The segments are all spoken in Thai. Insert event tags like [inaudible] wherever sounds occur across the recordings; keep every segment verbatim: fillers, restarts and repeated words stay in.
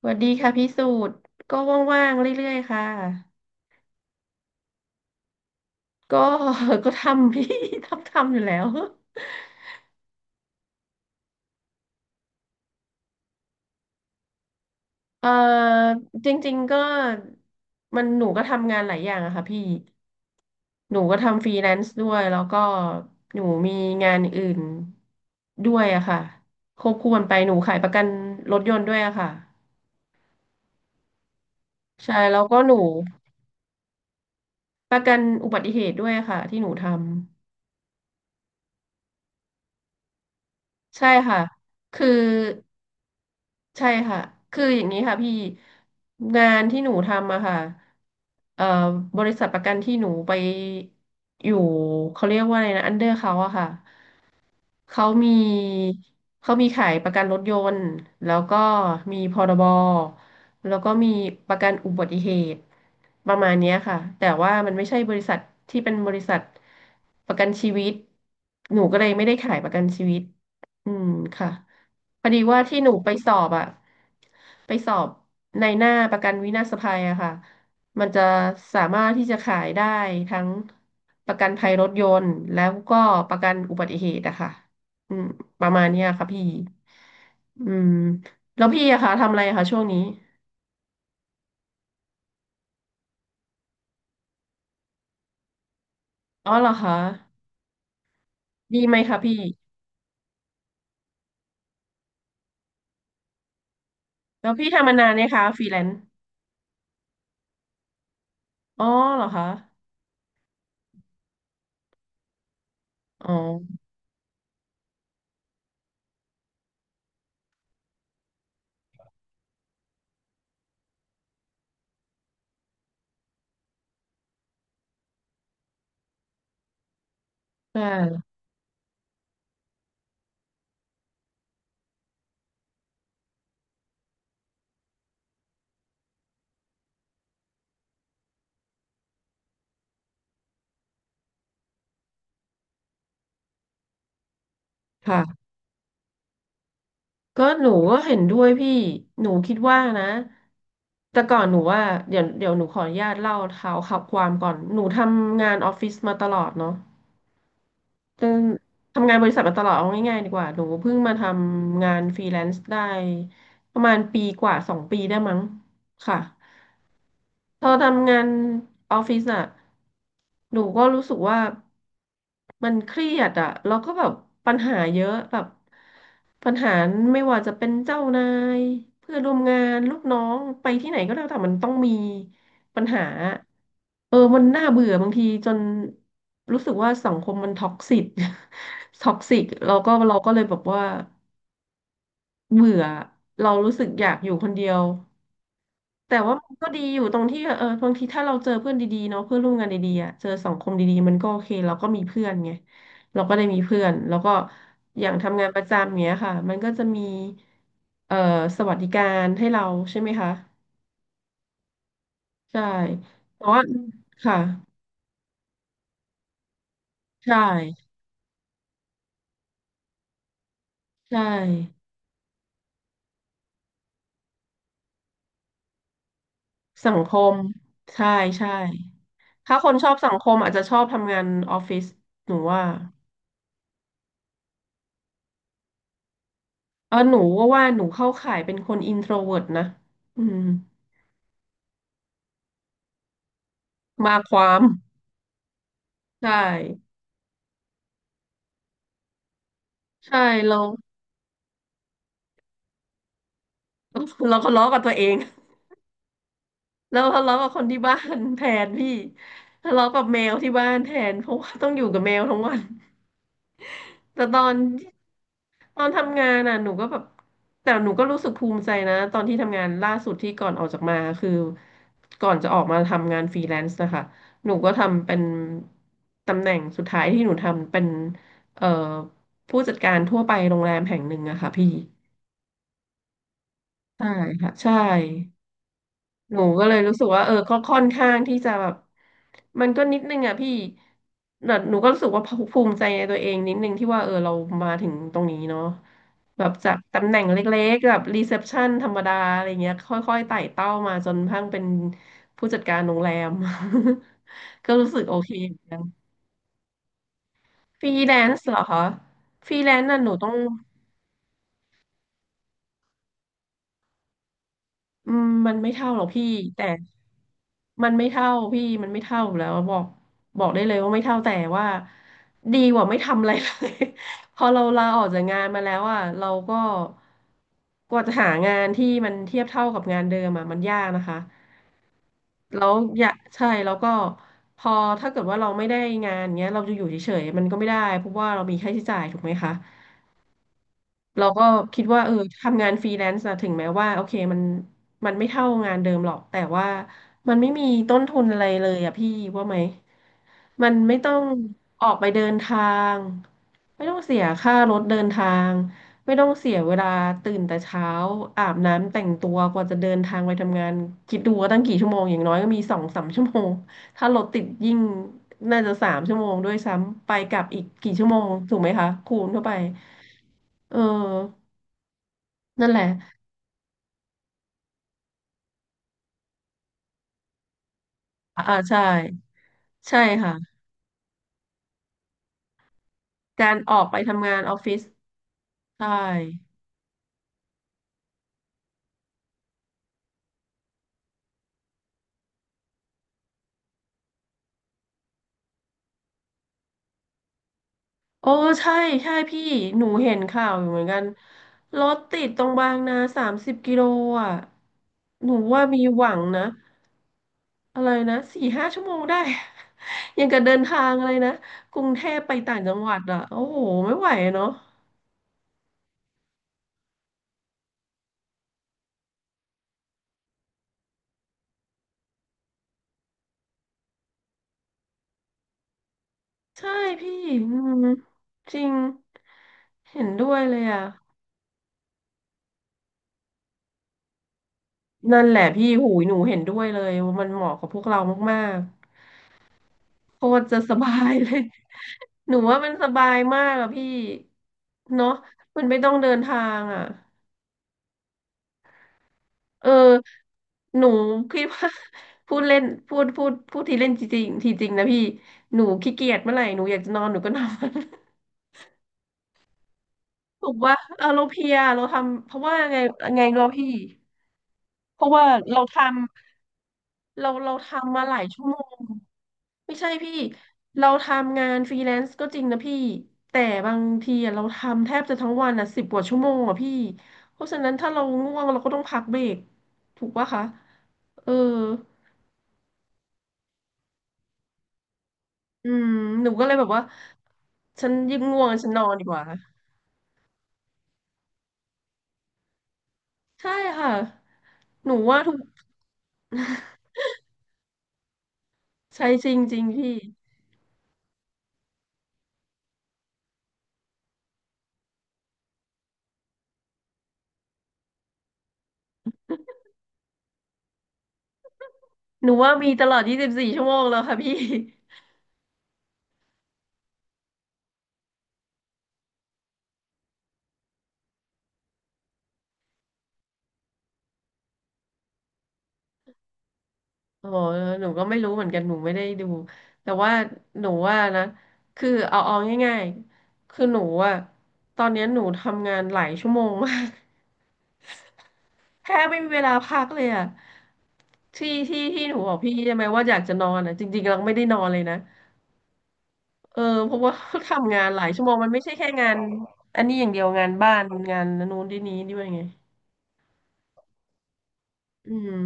สวัสดีค่ะพี่สูตรก็ว่างๆเรื่อยๆค่ะก็ [laughs] ก็ทำพี่ [laughs] ทำทำอยู่แล้วเออจริงๆก็มันหนูก็ทำงานหลายอย่างอะค่ะพี่หนูก็ทำฟรีแลนซ์ด้วยแล้วก็หนูมีงานอื่นด้วยอะค่ะควบคู่กันไปหนูขายประกันรถยนต์ด้วยอะค่ะใช่แล้วก็หนูประกันอุบัติเหตุด้วยอะค่ะที่หนูทำใช่ค่ะคือ ใช่ค่ะ คืออย่างนี้ค่ะพี่งานที่หนูทำอะค่ะเอ่อบริษัทประกันที่หนูไปอยู่เขาเรียกว่าอะไรนะอันเดอร์เขาอะค่ะ เขามีเขามีขายประกันรถยนต์แล้วก็มีพรบแล้วก็มีประกันอุบัติเหตุประมาณเนี้ยค่ะแต่ว่ามันไม่ใช่บริษัทที่เป็นบริษัทประกันชีวิตหนูก็เลยไม่ได้ขายประกันชีวิตอืมค่ะพอดีว่าที่หนูไปสอบอะไปสอบในหน้าประกันวินาศภัยอะค่ะมันจะสามารถที่จะขายได้ทั้งประกันภัยรถยนต์แล้วก็ประกันอุบัติเหตุอะค่ะ อืมประมาณเนี้ยค่ะพี่อืมแล้วพี่อะคะทำอะไรอะคะช่วงนี้อ๋อเหรอคะดีไหมคะพี่แล้วพี่ทำมานานเนี่ยคะฟรีแลนซ์อ๋อเหรอคะอ๋อใช่ค่ะก็หนูก็เห็นด้วยพี่หนูคิดว่านะแต่ก่อนหนูว่าเดี๋ยวเดี๋ยวหนูขออนุญาตเล่าเท้าความก่อนหนูทำงานออฟฟิศมาตลอดเนาะ เอนทำงานบริษัทมาตลอดเอาง่ายๆดีกว่าหนูเพิ่งมาทำงานฟรีแลนซ์ได้ประมาณปีกว่าสองปีได้มั้งค่ะ พอทำงานออฟฟิศอะหนูก็รู้สึกว่ามันเครียดอะแล้วก็แบบปัญหาเยอะแบบปัญหาไม่ว่าจะเป็นเจ้านายเพื่อนร่วมงานลูกน้องไปที่ไหนก็แล้วแต่มันต้องมีปัญหาเออมันน่าเบื่อบางทีจนรู้สึกว่าสังคมมันท็อกซิก [laughs] ท็อกซิกเราก็เราก็เลยแบบว่าเบื่อเรารู้สึกอยากอยู่คนเดียว แต่ว่ามันก็ดีอยู่ตรงที่เออบางทีถ้าเราเจอเพื่อนดีๆเนาะเพื่อนร่วมงานดีๆอ่ะเจอสังคมดีๆมันก็โอเคเราก็มีเพื่อนไงเราก็ได้มีเพื่อนแล้วก็อย่างทำงานประจำเงี้ยค่ะมันก็จะมีเอ่อสวัสดิการให้เราใช่ไหมคะใช่แต่ว่าค่ะใช่ใช่สังคมใช่ใช่ถ้าคนชอบสังคมอาจจะชอบทำงานออฟฟิศหนูว่าเออหนูว่าว่าหนูเข้าข่ายเป็นคนอินโทรเวิร์ตนะอืมมาความ ใช่ใช่เรา [laughs] เราก็ทะเลาะกับตัวเอง [laughs] แล้วทะเลาะกับคนที่บ้านแทนพี่ทะเลาะกับแมวที่บ้านแทนเพราะว่าต้องอยู่กับแมวทั้งวันแต่ตอนตอนทำงานน่ะหนูก็แบบแต่หนูก็รู้สึกภูมิใจนะตอนที่ทำงานล่าสุดที่ก่อนออกจากมาคือก่อนจะออกมาทำงานฟรีแลนซ์นะคะหนูก็ทำเป็นตำแหน่งสุดท้ายที่หนูทำเป็นเอ่อผู้จัดการทั่วไปโรงแรมแห่งหนึ่งอะค่ะพี่ใช่ค่ะใช่ หนูก็เลยรู้สึกว่าเออก็ค่อนข้างที่จะแบบมันก็นิดนึงอ่ะพี่แต่หนูก็รู้สึกว่าภูมิใจในตัวเองนิดนึงที่ว่าเออเรามาถึงตรงนี้เนาะแบบจากตำแหน่งเล็กๆแบบรีเซพชันธรรมดาอะไรเงี้ยค่อยๆไต่เต้ามาจนพั่งเป็นผู้จัดการโรงแรม [laughs] ก็รู้สึกโอเคเหมือนกันฟรีแลนซ์เหรอคะฟรีแลนซ์น่ะหนูต้อง อืมมันไม่เท่าหรอกพี่แต่มันไม่เท่าพี่มันไม่เท่าอยู่แล้วบอกบอกได้เลยว่าไม่เท่าแต่ว่าดีกว่าไม่ทำอะไรเลย [laughs] พอเราลาออกจากงานมาแล้วอ่ะเราก็กว่าจะหางานที่มันเทียบเท่ากับงานเดิมอ่ะมันยากนะคะแล้วอย่ากใช่แล้วก็พอถ้าเกิดว่าเราไม่ได้งานเงี้ยเราจะอยู่เฉยๆมันก็ไม่ได้เพราะว่าเรามีค่าใช้จ่ายถูกไหมคะ เราก็คิดว่าเออทำงานฟรีแลนซ์อะถึงแม้ว่าโอเคมันมันไม่เท่างานเดิมหรอกแต่ว่ามันไม่มีต้นทุนอะไรเลยอะพี่ว่าไหมมันไม่ต้องออกไปเดินทางไม่ต้องเสียค่ารถเดินทางไม่ต้องเสียเวลาตื่นแต่เช้าอาบน้ำแต่งตัวกว่าจะเดินทางไปทำงานคิดดูว่าตั้งกี่ชั่วโมงอย่างน้อยก็มีสองสามชั่วโมงถ้ารถติดยิ่งน่าจะสามชั่วโมงด้วยซ้ำไปกลับอีกกี่ชั่วโมงถูกไหมคะคูณเข้าไปเออ นั่นแหละ อ่าใช่ใช่ค่ะการออกไปทำงานออฟฟิศใช่โอ้ใช่ใช่พี่หนูเห็นข่าวอยู่เหมือนกันรถติดตรงบางนาสามสิบกิโลอ่ะหนูว่ามีหวังนะอะไรนะสี่ห้าชั่วโมงได้ [laughs] ยังกับเดินทางอะไรนะกรุงเทพไปต่างจังหวัดอ่ะโอ้โหไม่ไหวเนาะใช่พี่อืมจริงเห็นด้วยเลยอ่ะนั่นแหละพี่หูยหนูเห็นด้วยเลยว่ามันเหมาะกับพวกเรามากๆ โคตรจะสบายเลย [laughs] หนูว่ามันสบายมากอะพี่เนาะมันไม่ต้องเดินทางอะเออหนูคิดว่า [laughs] พูดเล่นพูดพูดพูดทีเล่นจริงทีจริงนะพี่หนูขี้เกียจเมื่อไหร่หนูอยากจะนอนหนูก็นอน [laughs] ถูกว่าเออเราเพลียเราทำเพราะว่าไงไงเราพี่เพราะว่าเราทำเราเราทำมาหลายชั่วโมง ไม่ใช่พี่เราทำงานฟรีแลนซ์ก็จริงนะพี่แต่บางทีอะเราทำแทบจะทั้งวันอ่ะสิบกว่าชั่วโมงอ่ะพี่เพราะฉะนั้นถ้าเราง่วงเราก็ต้องพักเบรกถูกปะคะเอออืมหนูก็เลยแบบว่าฉันยิ่งง่วงฉันนอนดีกว่าใช่ค่ะหนูว่าทุก [laughs] ใช่จริงจริงพี่หนูว่ามีตลอดยี่สิบสียี่สิบสี่ชั่วโมงแล้วค่ะพี่ อ๋อหนูก็ไม่รู้เหมือนกันหนูไม่ได้ดูแต่ว่าหนูว่านะคือเอาเอาง่ายๆคือหนูอะตอนเนี้ยหนูทำงานหลายชั่วโมงมาก [laughs] แทบไม่มีเวลาพักเลยอะที่ที่ที่หนูบอกพี่ใช่ไหมว่าอยากจะนอนอะจริงๆเราไม่ได้นอนเลยนะเออเพราะว่า [laughs] ทำงานหลายชั่วโมงมันไม่ใช่แค่งานอันนี้อย่างเดียวงานบ้านงานนู้นที่นี้ด้วยไงอืม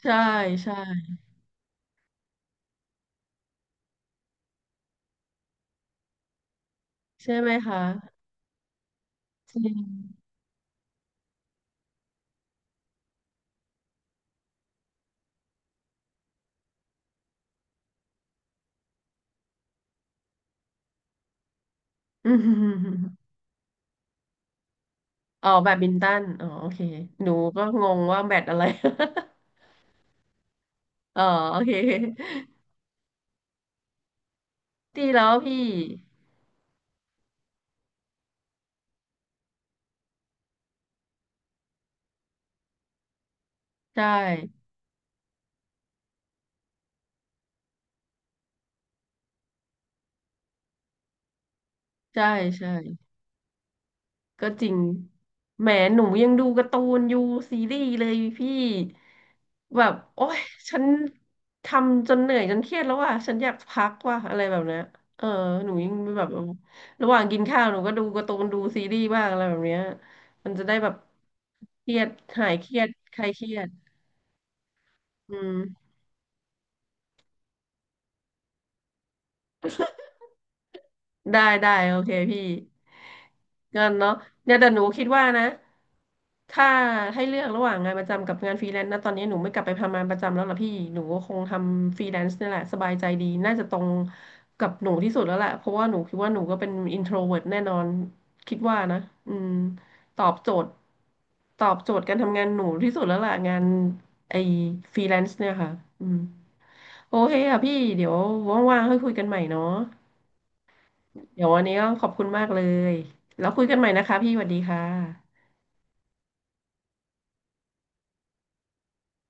ใช่ใช่ใช่ไหมคะจริง [laughs] อืม อ๋อแบดมินตันอ๋อโอเคหนูก็งงว่าแบดอะไร [laughs] อ๋อโอเค [laughs] ตีแล้วพี่ใช่ใช่ใช่ก็จริงแหมหนูยังดูการ์ตูนอยู่ซีรีส์เลยพี่แบบโอ๊ยฉันทำจนเหนื่อยจนเครียดแล้วว่ะฉันอยากพักว่ะอะไรแบบเนี้ยเออหนูยังแบบระหว่างกินข้าวหนูก็ดูการ์ตูนดูซีรีส์บ้างอะไรแบบเนี้ยมันจะได้แบบเครียดหายเครียดคลายเครียดอืม ได้ได้โอเคพี่เงั้นเนาะเนี่ยแต่หนูคิดว่านะถ้าให้เลือกระหว่างงานประจำกับงานฟรีแลนซ์นะตอนนี้หนูไม่กลับไปทำงานประจำแล้วล่ะพี่หนูก็คงทำฟรีแลนซ์นี่แหละสบายใจดีน่าจะตรงกับหนูที่สุดแล้วแหละเพราะว่าหนูคิดว่าหนูก็เป็นอินโทรเวิร์ตแน่นอนคิดว่านะอืมตอบโจทย์ตอบโจทย์การทำงานหนูที่สุดแล้วล่ะงานไอ้ฟรีแลนซ์เนี่ยค่ะอืมโอเคค่ะพี่เดี๋ยวว่างๆค่อยคุยกันใหม่เนาะ เดี๋ยววันนี้ก็ขอบคุณมากเลยแล้วคุยกันใหม่นะคะพี่สวัสดีค่ะ